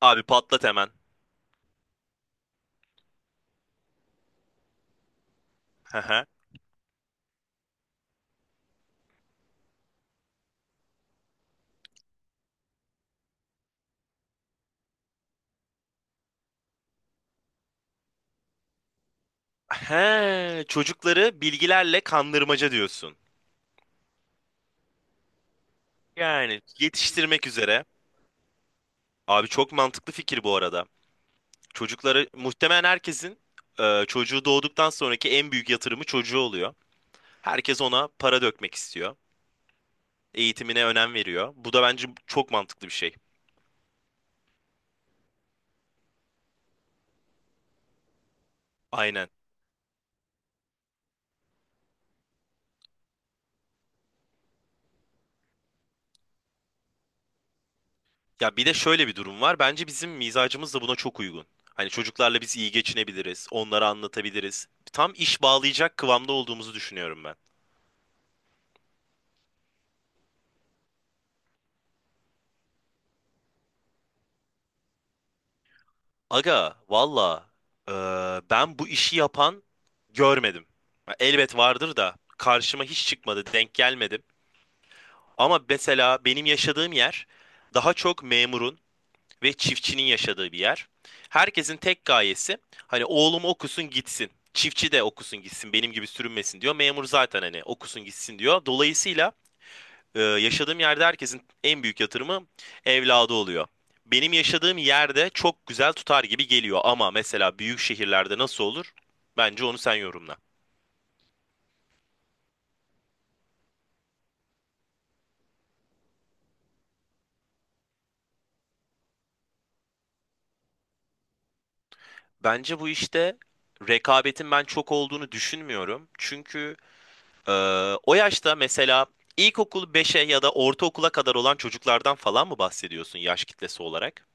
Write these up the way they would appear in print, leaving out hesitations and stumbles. Abi patlat hemen. Hı hı. He, çocukları bilgilerle kandırmaca diyorsun. Yani yetiştirmek üzere. Abi çok mantıklı fikir bu arada. Çocukları muhtemelen herkesin çocuğu doğduktan sonraki en büyük yatırımı çocuğu oluyor. Herkes ona para dökmek istiyor. Eğitimine önem veriyor. Bu da bence çok mantıklı bir şey. Aynen. Ya bir de şöyle bir durum var. Bence bizim mizacımız da buna çok uygun. Hani çocuklarla biz iyi geçinebiliriz, onlara anlatabiliriz. Tam iş bağlayacak kıvamda olduğumuzu düşünüyorum ben. Aga valla ben bu işi yapan görmedim. Ya elbet vardır da karşıma hiç çıkmadı, denk gelmedim. Ama mesela benim yaşadığım yer daha çok memurun ve çiftçinin yaşadığı bir yer. Herkesin tek gayesi hani oğlum okusun gitsin. Çiftçi de okusun gitsin benim gibi sürünmesin diyor. Memur zaten hani okusun gitsin diyor. Dolayısıyla yaşadığım yerde herkesin en büyük yatırımı evladı oluyor. Benim yaşadığım yerde çok güzel tutar gibi geliyor ama mesela büyük şehirlerde nasıl olur? Bence onu sen yorumla. Bence bu işte rekabetin ben çok olduğunu düşünmüyorum. Çünkü e, o yaşta mesela ilkokul beşe ya da ortaokula kadar olan çocuklardan falan mı bahsediyorsun yaş kitlesi olarak?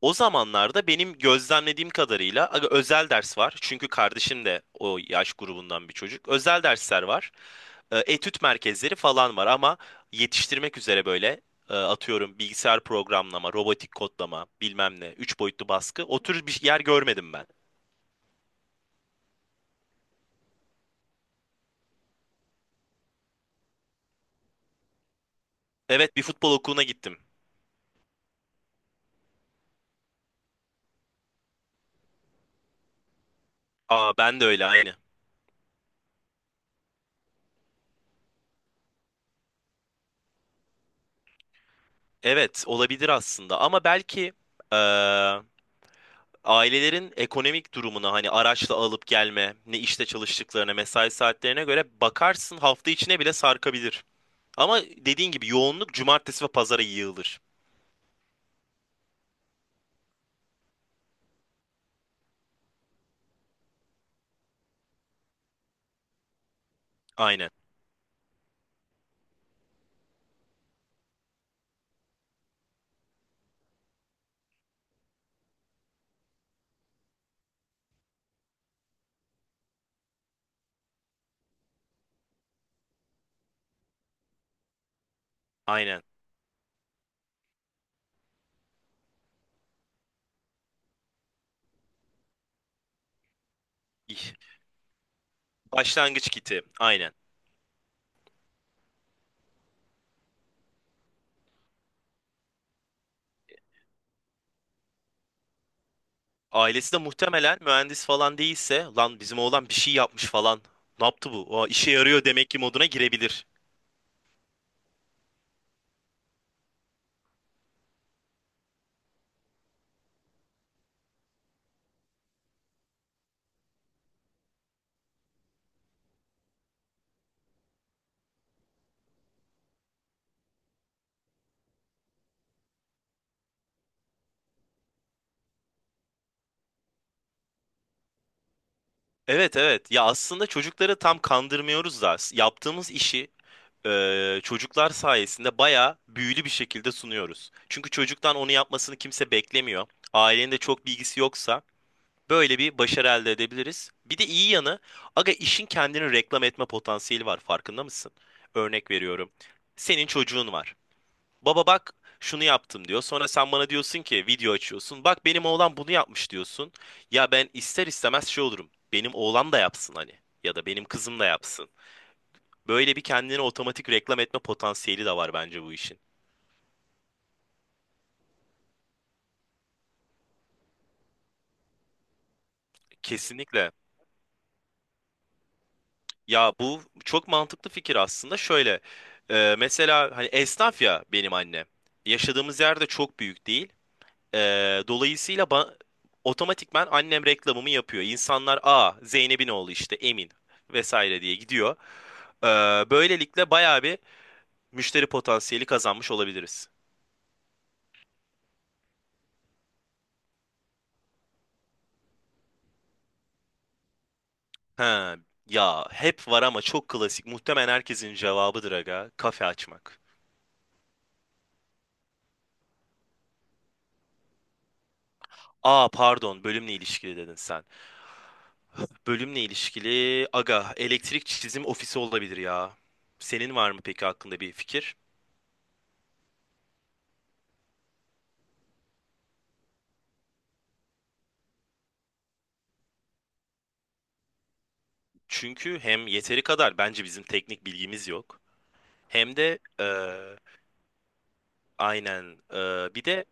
O zamanlarda benim gözlemlediğim kadarıyla aga, özel ders var. Çünkü kardeşim de o yaş grubundan bir çocuk. Özel dersler var. Etüt merkezleri falan var ama yetiştirmek üzere böyle atıyorum bilgisayar programlama, robotik kodlama, bilmem ne, üç boyutlu baskı o tür bir yer görmedim ben. Evet, bir futbol okuluna gittim. Aa, ben de öyle aynı. Evet, olabilir aslında ama belki e, ailelerin ekonomik durumuna hani araçla alıp gelme, ne işte çalıştıklarına, mesai saatlerine göre bakarsın hafta içine bile sarkabilir. Ama dediğin gibi yoğunluk cumartesi ve pazara yığılır. Aynen, aynen. İh. Başlangıç kiti. Aynen. Ailesi de muhtemelen mühendis falan değilse lan bizim oğlan bir şey yapmış falan. Ne yaptı bu? O işe yarıyor demek ki moduna girebilir. Evet, evet. Ya aslında çocukları tam kandırmıyoruz da yaptığımız işi çocuklar sayesinde bayağı büyülü bir şekilde sunuyoruz. Çünkü çocuktan onu yapmasını kimse beklemiyor. Ailenin de çok bilgisi yoksa böyle bir başarı elde edebiliriz. Bir de iyi yanı aga, işin kendini reklam etme potansiyeli var, farkında mısın? Örnek veriyorum. Senin çocuğun var. Baba bak, şunu yaptım diyor. Sonra sen bana diyorsun ki video açıyorsun. Bak, benim oğlan bunu yapmış diyorsun. Ya ben ister istemez şey olurum. Benim oğlan da yapsın hani. Ya da benim kızım da yapsın. Böyle bir kendine otomatik reklam etme potansiyeli de var bence bu işin. Kesinlikle. Ya bu çok mantıklı fikir aslında. Şöyle mesela hani esnaf ya benim annem. Yaşadığımız yerde çok büyük değil. Dolayısıyla otomatikman annem reklamımı yapıyor. İnsanlar, aa, Zeynep'in oğlu işte Emin vesaire diye gidiyor. Ee, Böylelikle bayağı bir müşteri potansiyeli kazanmış olabiliriz. Ha, ya hep var ama çok klasik. Muhtemelen herkesin cevabıdır aga. Kafe açmak. Aa, pardon, bölümle ilişkili dedin sen. Bölümle ilişkili aga, elektrik çizim ofisi olabilir ya. Senin var mı peki hakkında bir fikir? Çünkü hem yeteri kadar bence bizim teknik bilgimiz yok. Hem de aynen, bir de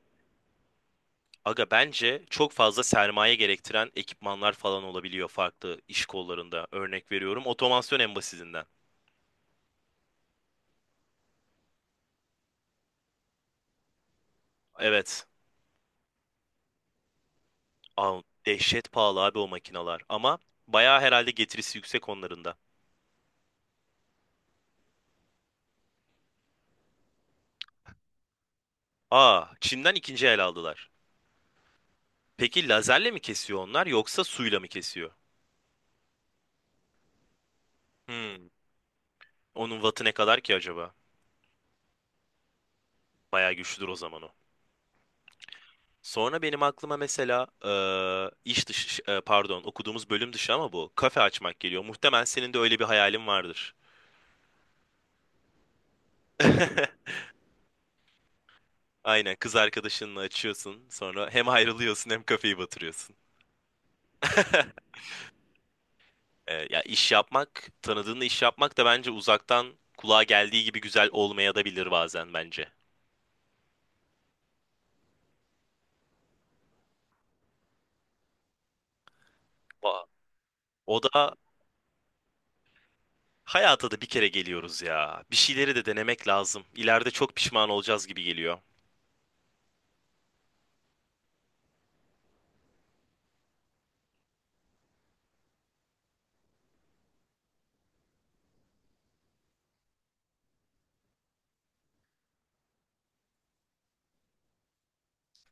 aga bence çok fazla sermaye gerektiren ekipmanlar falan olabiliyor farklı iş kollarında. Örnek veriyorum, otomasyon en basitinden. Evet. Aa, dehşet pahalı abi o makinalar ama bayağı herhalde getirisi yüksek onların da. Aa, Çin'den ikinci el aldılar. Peki lazerle mi kesiyor onlar yoksa suyla mı kesiyor? Hmm. Onun wattı ne kadar ki acaba? Bayağı güçlüdür o zaman o. Sonra benim aklıma mesela iş dışı, pardon, okuduğumuz bölüm dışı ama bu kafe açmak geliyor. Muhtemelen senin de öyle bir hayalin vardır. Aynen, kız arkadaşınla açıyorsun sonra hem ayrılıyorsun hem kafeyi batırıyorsun. Ya iş yapmak, tanıdığınla iş yapmak da bence uzaktan kulağa geldiği gibi güzel olmayabilir bazen bence. Aa, o da, hayata da bir kere geliyoruz ya. Bir şeyleri de denemek lazım. İleride çok pişman olacağız gibi geliyor.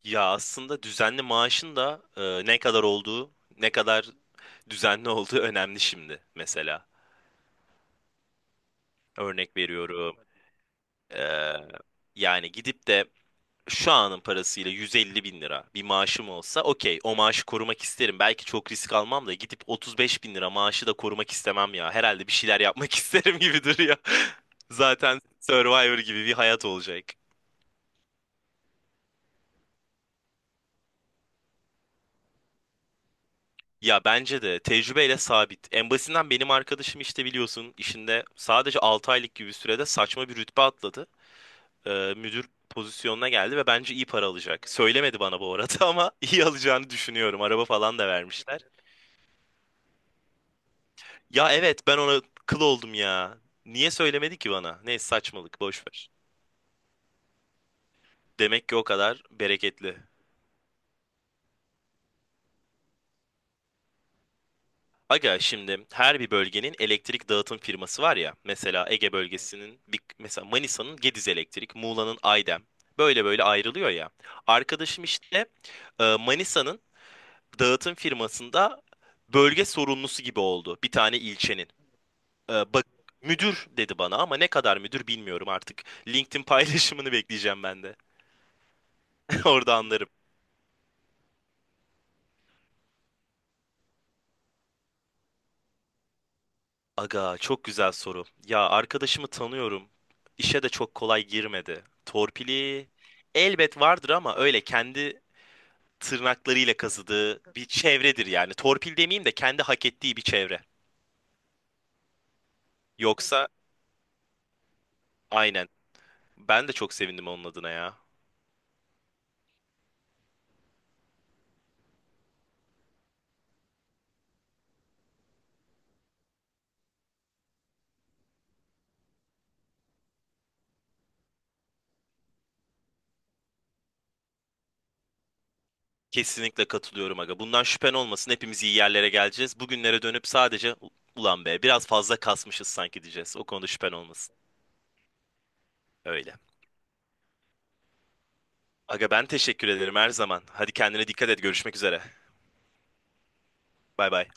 Ya aslında düzenli maaşın da ne kadar olduğu, ne kadar düzenli olduğu önemli şimdi mesela. Örnek veriyorum. e, Yani gidip de şu anın parasıyla 150 bin lira bir maaşım olsa okey, o maaşı korumak isterim. Belki çok risk almam da gidip 35 bin lira maaşı da korumak istemem ya. Herhalde bir şeyler yapmak isterim gibi duruyor. Zaten Survivor gibi bir hayat olacak. Ya bence de tecrübeyle sabit. En basitinden benim arkadaşım işte biliyorsun, işinde sadece 6 aylık gibi bir sürede saçma bir rütbe atladı. Müdür pozisyonuna geldi ve bence iyi para alacak. Söylemedi bana bu arada ama iyi alacağını düşünüyorum. Araba falan da vermişler. Ya evet, ben ona kıl oldum ya. Niye söylemedi ki bana? Neyse, saçmalık, boş ver. Demek ki o kadar bereketli. Aga, şimdi her bir bölgenin elektrik dağıtım firması var ya. Mesela Ege bölgesinin mesela Manisa'nın Gediz Elektrik, Muğla'nın Aydem. Böyle böyle ayrılıyor ya. Arkadaşım işte Manisa'nın dağıtım firmasında bölge sorumlusu gibi oldu bir tane ilçenin. Bak, müdür dedi bana ama ne kadar müdür bilmiyorum artık. LinkedIn paylaşımını bekleyeceğim ben de. Orada anlarım. Aga, çok güzel soru. Ya arkadaşımı tanıyorum. İşe de çok kolay girmedi. Torpili elbet vardır ama öyle kendi tırnaklarıyla kazıdığı bir çevredir yani. Torpil demeyeyim de kendi hak ettiği bir çevre. Yoksa, aynen. Ben de çok sevindim onun adına ya. Kesinlikle katılıyorum aga. Bundan şüphen olmasın. Hepimiz iyi yerlere geleceğiz. Bugünlere dönüp sadece ulan be biraz fazla kasmışız sanki diyeceğiz. O konuda şüphen olmasın. Öyle. Aga, ben teşekkür ederim her zaman. Hadi kendine dikkat et. Görüşmek üzere. Bay bay.